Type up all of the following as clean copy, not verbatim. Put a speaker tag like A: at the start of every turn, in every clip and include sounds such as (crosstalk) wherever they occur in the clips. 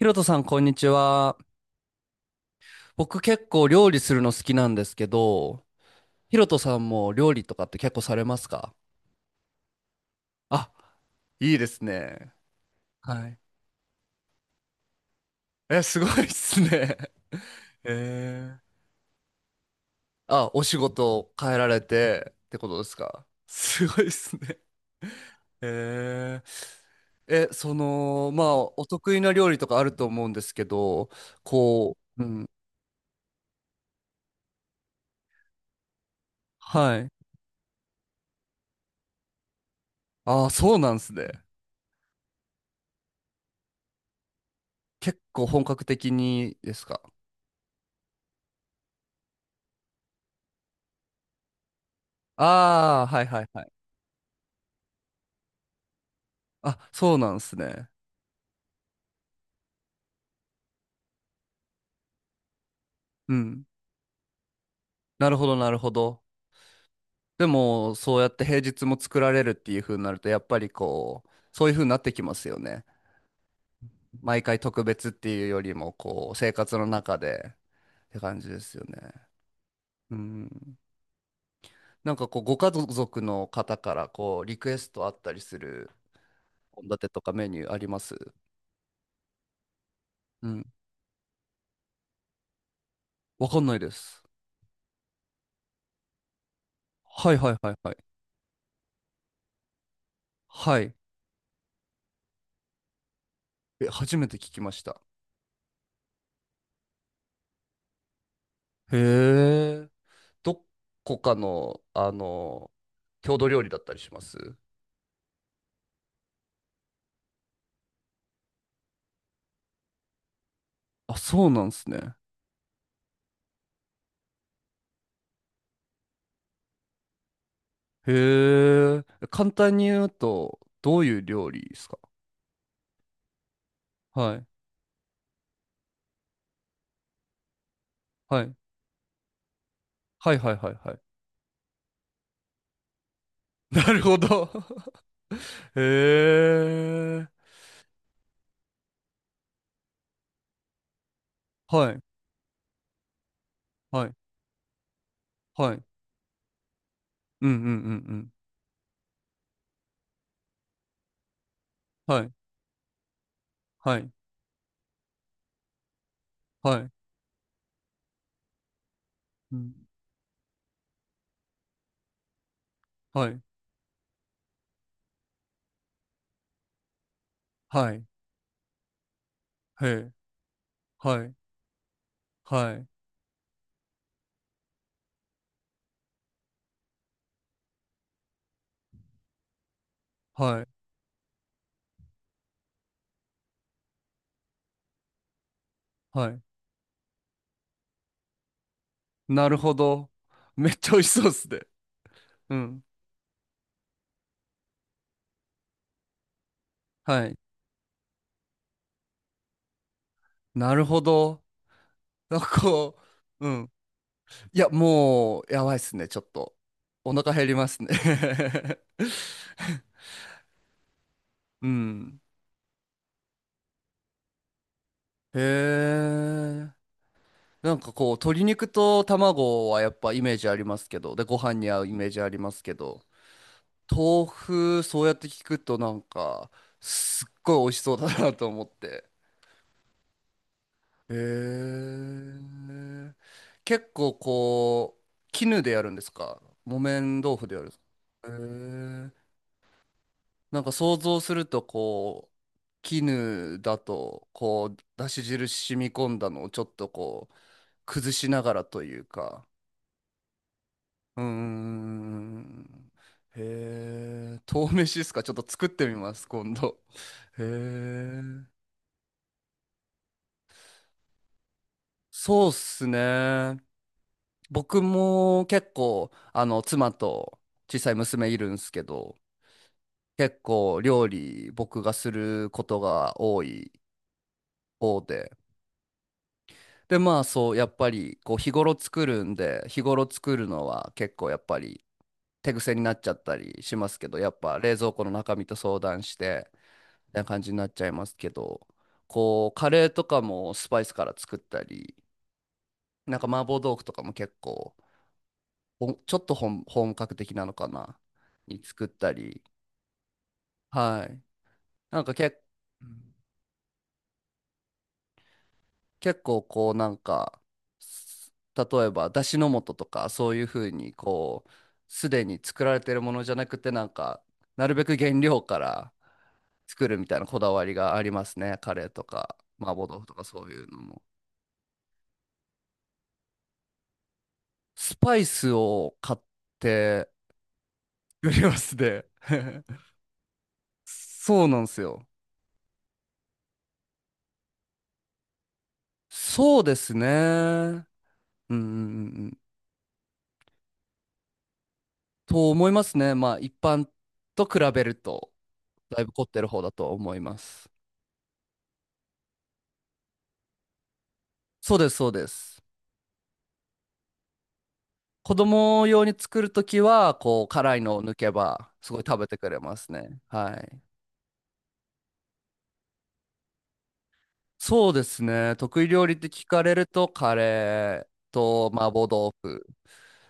A: ひろとさん、こんにちは。僕結構料理するの好きなんですけど、ひろとさんも料理とかって結構されますか？あ、いいですね。はい。え、すごいっすね。(laughs) えー、あ、お仕事変えられてってことですか？すごいっすね。えその、まあ、お得意な料理とかあると思うんですけど、こう、うん。はい。ああ、そうなんですね。結構本格的にですか？ああ、はいはいはい。あ、そうなんですね。うん。なるほど、なるほど。でも、そうやって平日も作られるっていう風になると、やっぱりこう、そういう風になってきますよね。毎回特別っていうよりも、こう、生活の中でって感じですよね。うん。なんかこう、ご家族の方から、こう、リクエストあったりする献立とかメニューあります？うん。わかんないです。はいはいはいはい。はい。え、初めて聞きました。へえ。どこかの、あの、郷土料理だったりします？あ、そうなんですね。へえ。簡単に言うと、どういう料理ですか？はい。はい。はいはいはいはい。(laughs) なるほど。(laughs) へえ。はい。はい。はい。うんうんうんうん。はい。はい。はい。うん。はい。はい。へえ。はい。はい。はい。はい。なるほど。めっちゃ美味しそうですね。うん。はい。なるほど。なんかこう、うん。いや、もう、やばいっすね、ちょっと。お腹減りますね。 (laughs) うん。へえ。なんかこう、鶏肉と卵はやっぱイメージありますけど、で、ご飯に合うイメージありますけど、豆腐、そうやって聞くとなんか、すっごい美味しそうだなと思って。へえ。結構こう、絹でやるんですか？木綿豆腐でやるんですか？へえ。なんか想像するとこう、絹だとこうだし汁染み込んだのをちょっとこう崩しながらというか。うーん。へえ、豆飯ですか？ちょっと作ってみます、今度。へえ。そうっすね。僕も結構あの妻と小さい娘いるんすけど、結構料理僕がすることが多い方で、で、まあそう、やっぱりこう日頃作るんで、日頃作るのは結構やっぱり手癖になっちゃったりしますけど、やっぱ冷蔵庫の中身と相談して、みたいな感じになっちゃいますけど、こうカレーとかもスパイスから作ったり、なんか麻婆豆腐とかも結構、ちょっと本格的なのかな、に作ったり、はい。なんか構、結構こうなんか、例えば出汁の素とかそういうふうにこう、すでに作られてるものじゃなくてなんか、なるべく原料から作るみたいなこだわりがありますね。カレーとか麻婆豆腐とかそういうのも。スパイスを買って作りますね。(laughs) そうなんですよ。そうですね。うんうんうんうん。と思いますね。まあ一般と比べると、だいぶ凝ってる方だと思います。そうです、そうです。子供用に作るときは、こう、辛いのを抜けば、すごい食べてくれますね。はい。そうですね。得意料理って聞かれると、カレーと麻婆豆腐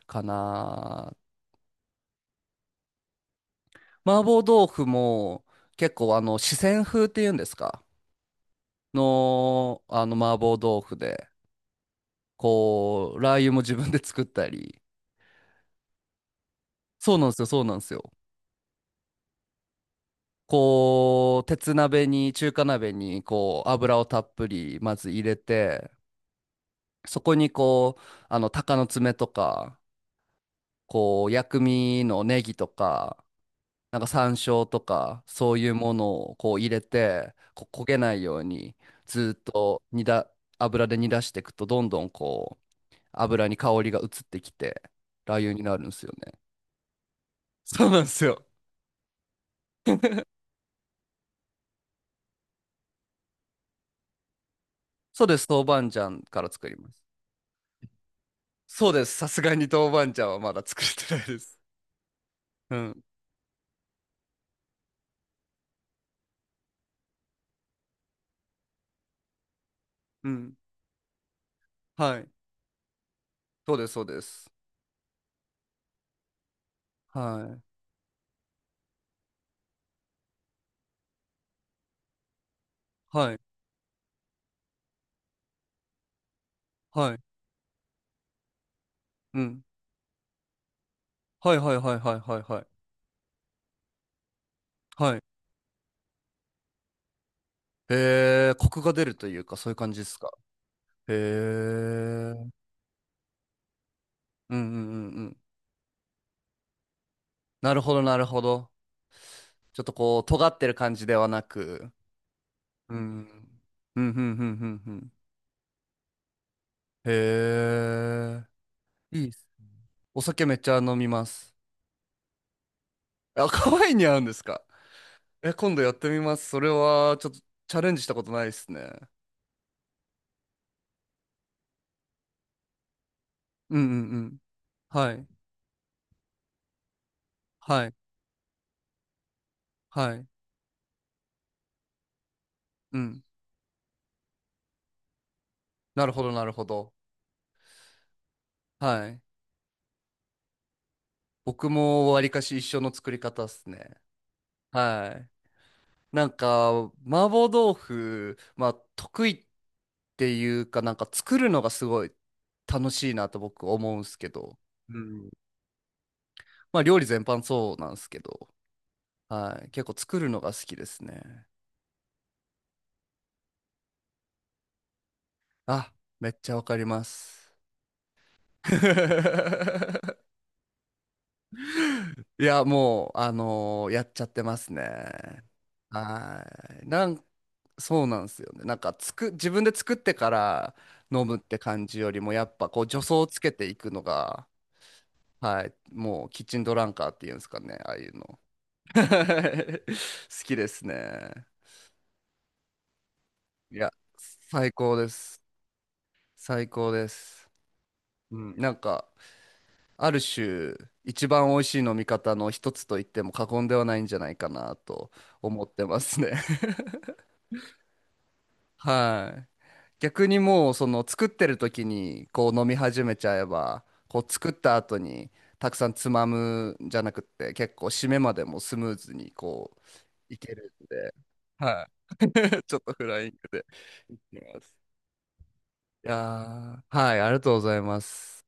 A: かな。麻婆豆腐も、結構、あの、四川風っていうんですか、の、あの、麻婆豆腐で、こう、ラー油も自分で作ったり。そうなんですよ、そうなんですよ。こう、鉄鍋に、中華鍋に、こう、油をたっぷり、まず入れて、そこにこう、あの、鷹の爪とか、こう、薬味のネギとか、なんか山椒とか、そういうものをこう入れて、こう焦げないように、ずっと煮だ、油で煮出していくと、どんどんこう、油に香りが移ってきて、ラー油になるんですよね。そうなんですよ。そうです、豆板醤から作ります。そうです、さすがに豆板醤はまだ作れてないです。うん、うん、はい。そうです、そうです。はい、はい、はい、うん。はいはいはいはいはいはい。はい。へえ、コクが出るというか、そういう感じですか。へえ。うんうんうんうん。なるほどなるほど。ちょっとこう、尖ってる感じではなく。うん。うんうんうんうんうん。へえ。いいっす。お酒めっちゃ飲みます。あ、可愛いに合うんですか？え、今度やってみます。それは、ちょっとチャレンジしたことないですね。うんうんうん。はい。はい。はい。うん。なるほどなるほど。はい。僕もわりかし一緒の作り方っすね。はい。なんか、麻婆豆腐、まあ、得意っていうか、なんか作るのがすごい楽しいなと僕思うんすけど、うん。まあ、料理全般そうなんすけど、はい。結構作るのが好きですね。あ、めっちゃわかります。(laughs) いや、もう、やっちゃってますね。はい。そうなんですよね。なんか自分で作ってから飲むって感じよりも、やっぱこう助走をつけていくのが、はい、もうキッチンドランカーっていうんですかね、ああいうの。(laughs) 好きですね。いや、最高です。最高です。うん、なんか、ある種、一番美味しい飲み方の一つと言っても過言ではないんじゃないかなと思ってますね。(laughs) はい。逆にもうその作ってる時にこう飲み始めちゃえばこう作った後にたくさんつまむんじゃなくって結構締めまでもスムーズにこういけるんで、はい。(laughs) ちょっとフライングでいきます。いやー、はい、ありがとうございます。